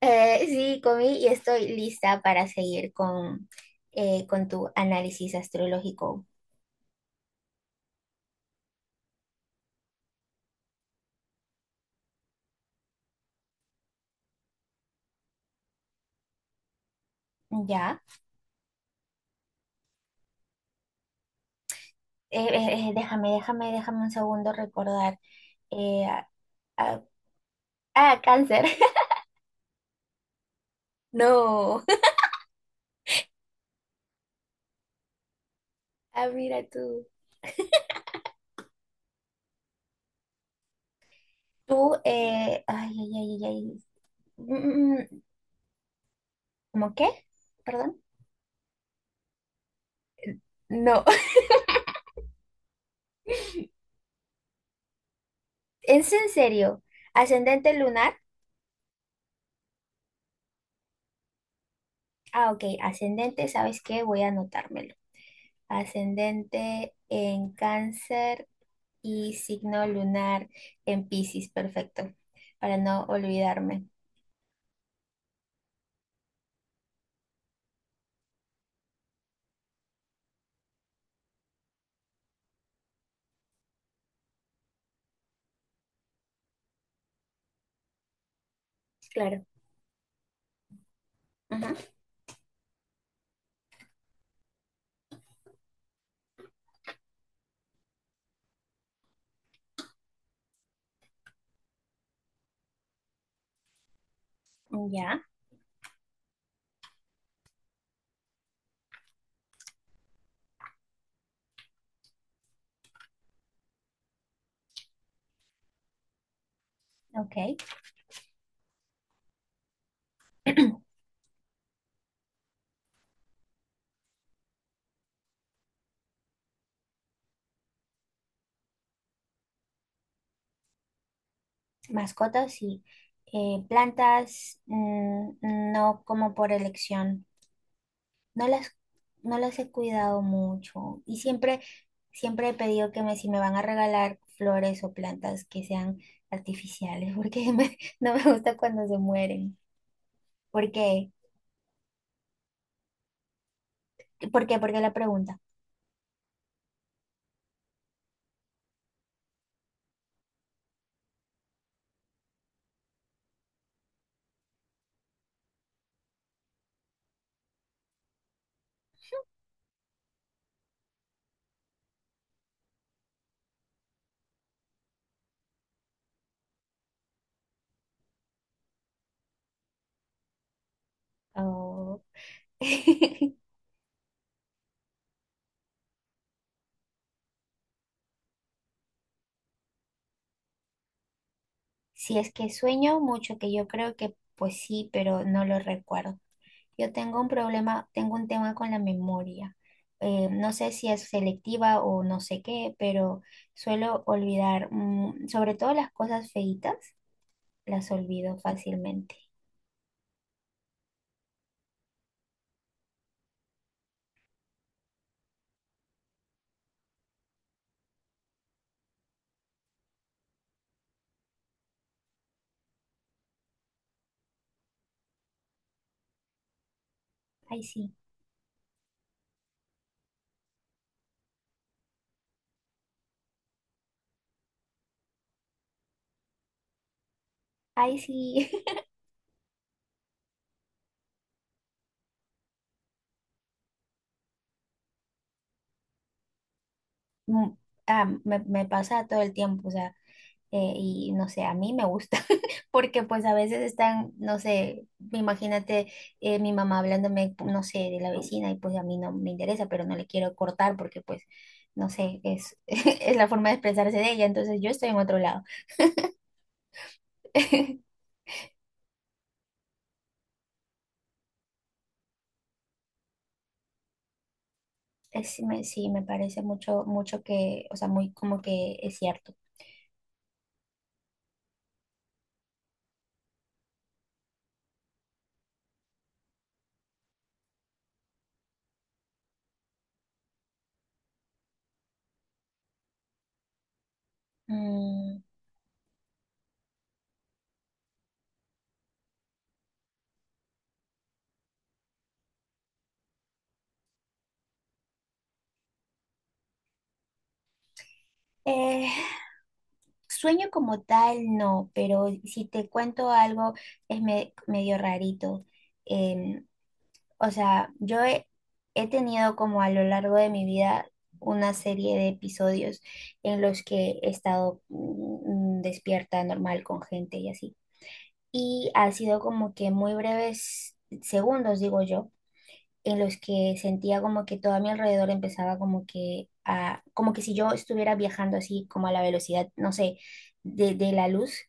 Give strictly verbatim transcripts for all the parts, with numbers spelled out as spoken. Eh, sí, comí y estoy lista para seguir con, eh, con tu análisis astrológico. Ya. Eh, eh, eh, déjame, déjame, déjame un segundo recordar. Eh, ah, ah, ah, cáncer. No. Ah, mira tú. Tú, eh, ay, ay, ay, ay, ay. Mm, mm, mm. ¿Cómo qué? Perdón. No. ¿Es en serio? ¿Ascendente lunar? Ah, ok. Ascendente, ¿sabes qué? Voy a anotármelo. Ascendente en Cáncer. Y signo lunar en Piscis, perfecto, para no olvidarme. Claro. Ujú. Ya. Ok. Mascotas y eh, plantas, mm, no como por elección. No las, no las he cuidado mucho. Y siempre, siempre he pedido que me, si me van a regalar flores o plantas que sean artificiales, porque me- no me gusta cuando se mueren. ¿Por qué? ¿Por qué? ¿Por qué la pregunta? Oh. Si es que sueño mucho, que yo creo que pues sí, pero no lo recuerdo. Yo tengo un problema, tengo un tema con la memoria. Eh, no sé si es selectiva o no sé qué, pero suelo olvidar, mm, sobre todo las cosas feitas, las olvido fácilmente. Ay, sí, ay, sí. Mm, ah, me, me pasa todo el tiempo, o sea. Eh, y no sé, a mí me gusta, porque pues a veces están, no sé, imagínate, eh, mi mamá hablándome, no sé, de la vecina y pues a mí no me interesa, pero no le quiero cortar porque pues, no sé, es, es la forma de expresarse de ella, entonces yo estoy en otro lado. Es- me- sí, me parece mucho, mucho que, o sea, muy como que es cierto. Mm, eh, Sueño como tal, no, pero si te cuento algo, es me- medio rarito. em, O sea, yo he, he tenido como a lo largo de mi vida una serie de episodios en los que he estado mm, despierta normal con gente y así. Y ha sido como que muy breves segundos, digo yo, en los que sentía como que todo a mi alrededor empezaba como que a, como que si yo estuviera viajando así como a la velocidad, no sé, de, de la luz.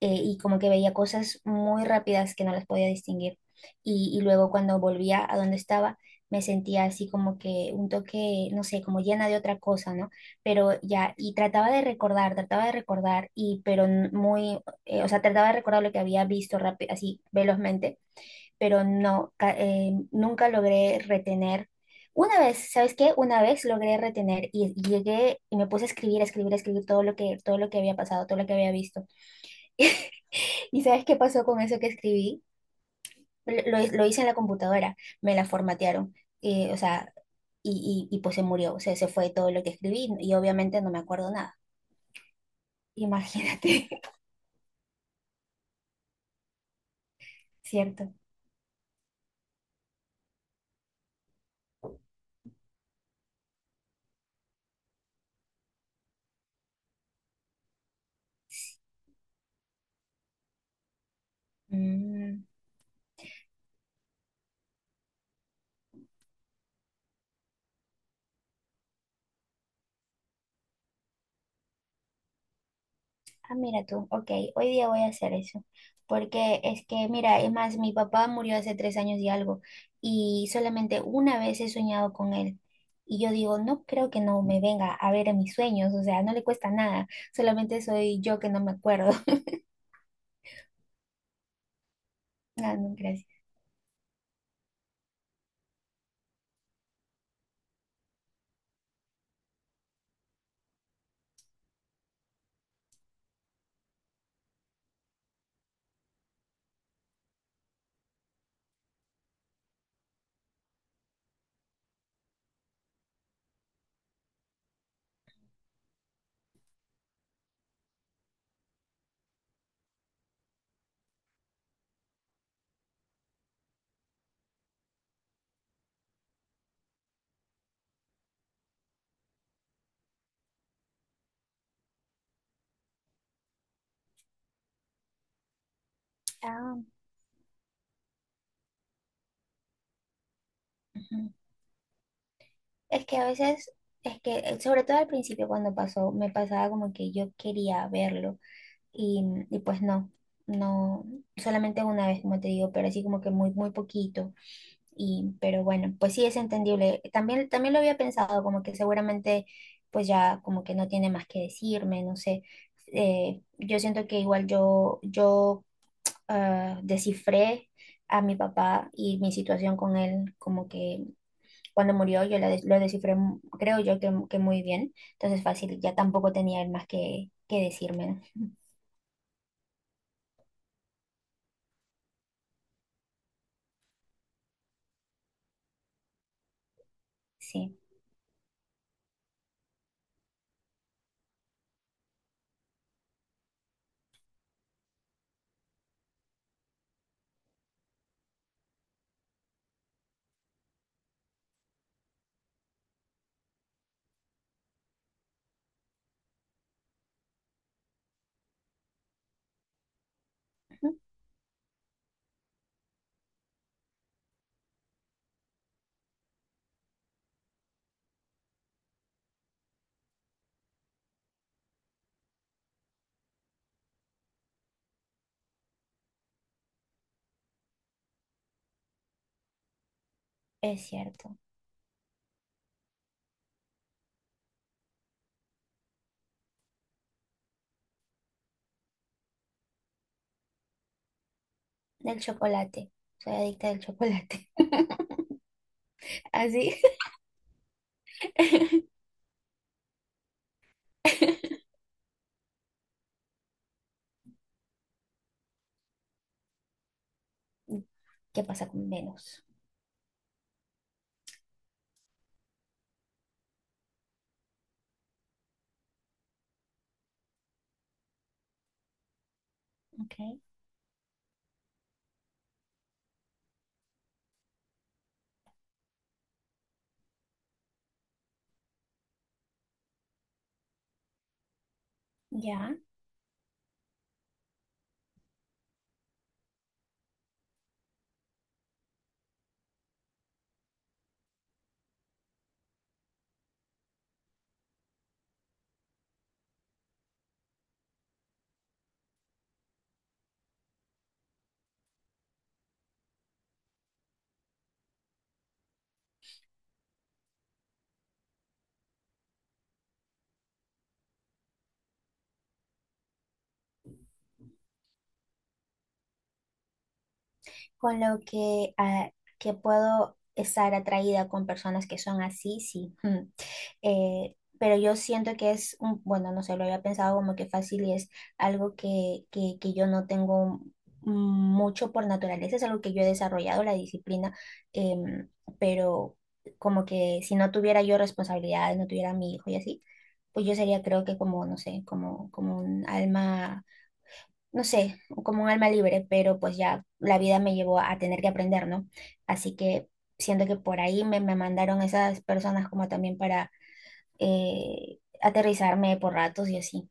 eh, Y como que veía cosas muy rápidas que no las podía distinguir. Y, y luego cuando volvía a donde estaba, me sentía así como que un toque, no sé, como llena de otra cosa, ¿no? Pero ya, y trataba de recordar, trataba de recordar, y pero n- muy, eh, o sea, trataba de recordar lo que había visto rápido, así velozmente, pero no, ca- eh, nunca logré retener. Una vez, ¿sabes qué? Una vez logré retener y llegué y me puse a escribir, a escribir, a escribir todo lo que, todo lo que había pasado, todo lo que había visto. ¿Y sabes qué pasó con eso que escribí? Lo, lo- lo hice en la computadora, me la formatearon, eh, o sea, y, y, y pues se murió, o sea, se fue todo lo que escribí y obviamente no me acuerdo nada. Imagínate. ¿Cierto? Mm. Ah, mira tú, ok, hoy día voy a hacer eso, porque es que, mira, es más, mi papá murió hace tres años y algo, y solamente una vez he soñado con él, y yo digo, no creo que no me venga a ver en mis sueños, o sea, no le cuesta nada, solamente soy yo que no me acuerdo. Ah, no, gracias. Ah, ujú. Es que a veces, es que, eh, sobre todo al principio cuando pasó, me pasaba como que yo quería verlo, y, y pues no, no, solamente una vez, como te digo, pero así como que muy, muy poquito. Y, pero bueno, pues sí es entendible. También, también lo había pensado, como que seguramente pues ya como que no tiene más que decirme, no sé. Eh, yo siento que igual yo, yo ah, descifré a mi papá y mi situación con él, como que cuando murió yo la des- lo descifré, mu- creo yo que, que muy bien. Entonces fácil, ya tampoco tenía él más que, que decirme, ¿no? Sí, ujú, es cierto. Del chocolate, soy adicta del chocolate. Así. ¿Qué pasa con Venus, ok? Ya, con lo que, ah, que puedo estar atraída con personas que son así, sí. Mm. Eh, pero yo siento que es un, bueno, no sé, lo había pensado como que fácil y es algo que, que, que yo no tengo mucho por naturaleza, es algo que yo he desarrollado, la disciplina, em, pero como que si no tuviera yo responsabilidades, no tuviera a mi hijo y así, pues yo sería creo que como, no sé, como, como un alma, no sé, como un alma libre, pero pues ya la vida me llevó a tener que aprender, ¿no? Así que siento que por ahí me, me mandaron esas personas como también para eh, aterrizarme por ratos y así.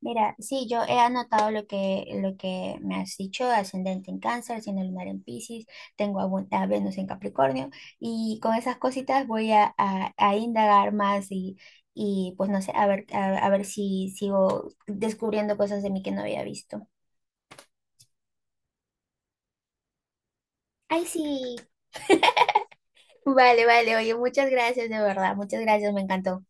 Mira, sí, yo he anotado lo que, lo que me has dicho, ascendente en Cáncer, signo lunar en Piscis, tengo a, Bu- a Venus en Capricornio y con esas cositas voy a, a- a indagar más y... Y pues no sé, a ver, a, a ver si sigo descubriendo cosas de mí que no había visto. Ay, sí. Vale, vale, oye, muchas gracias, de verdad, muchas gracias, me encantó.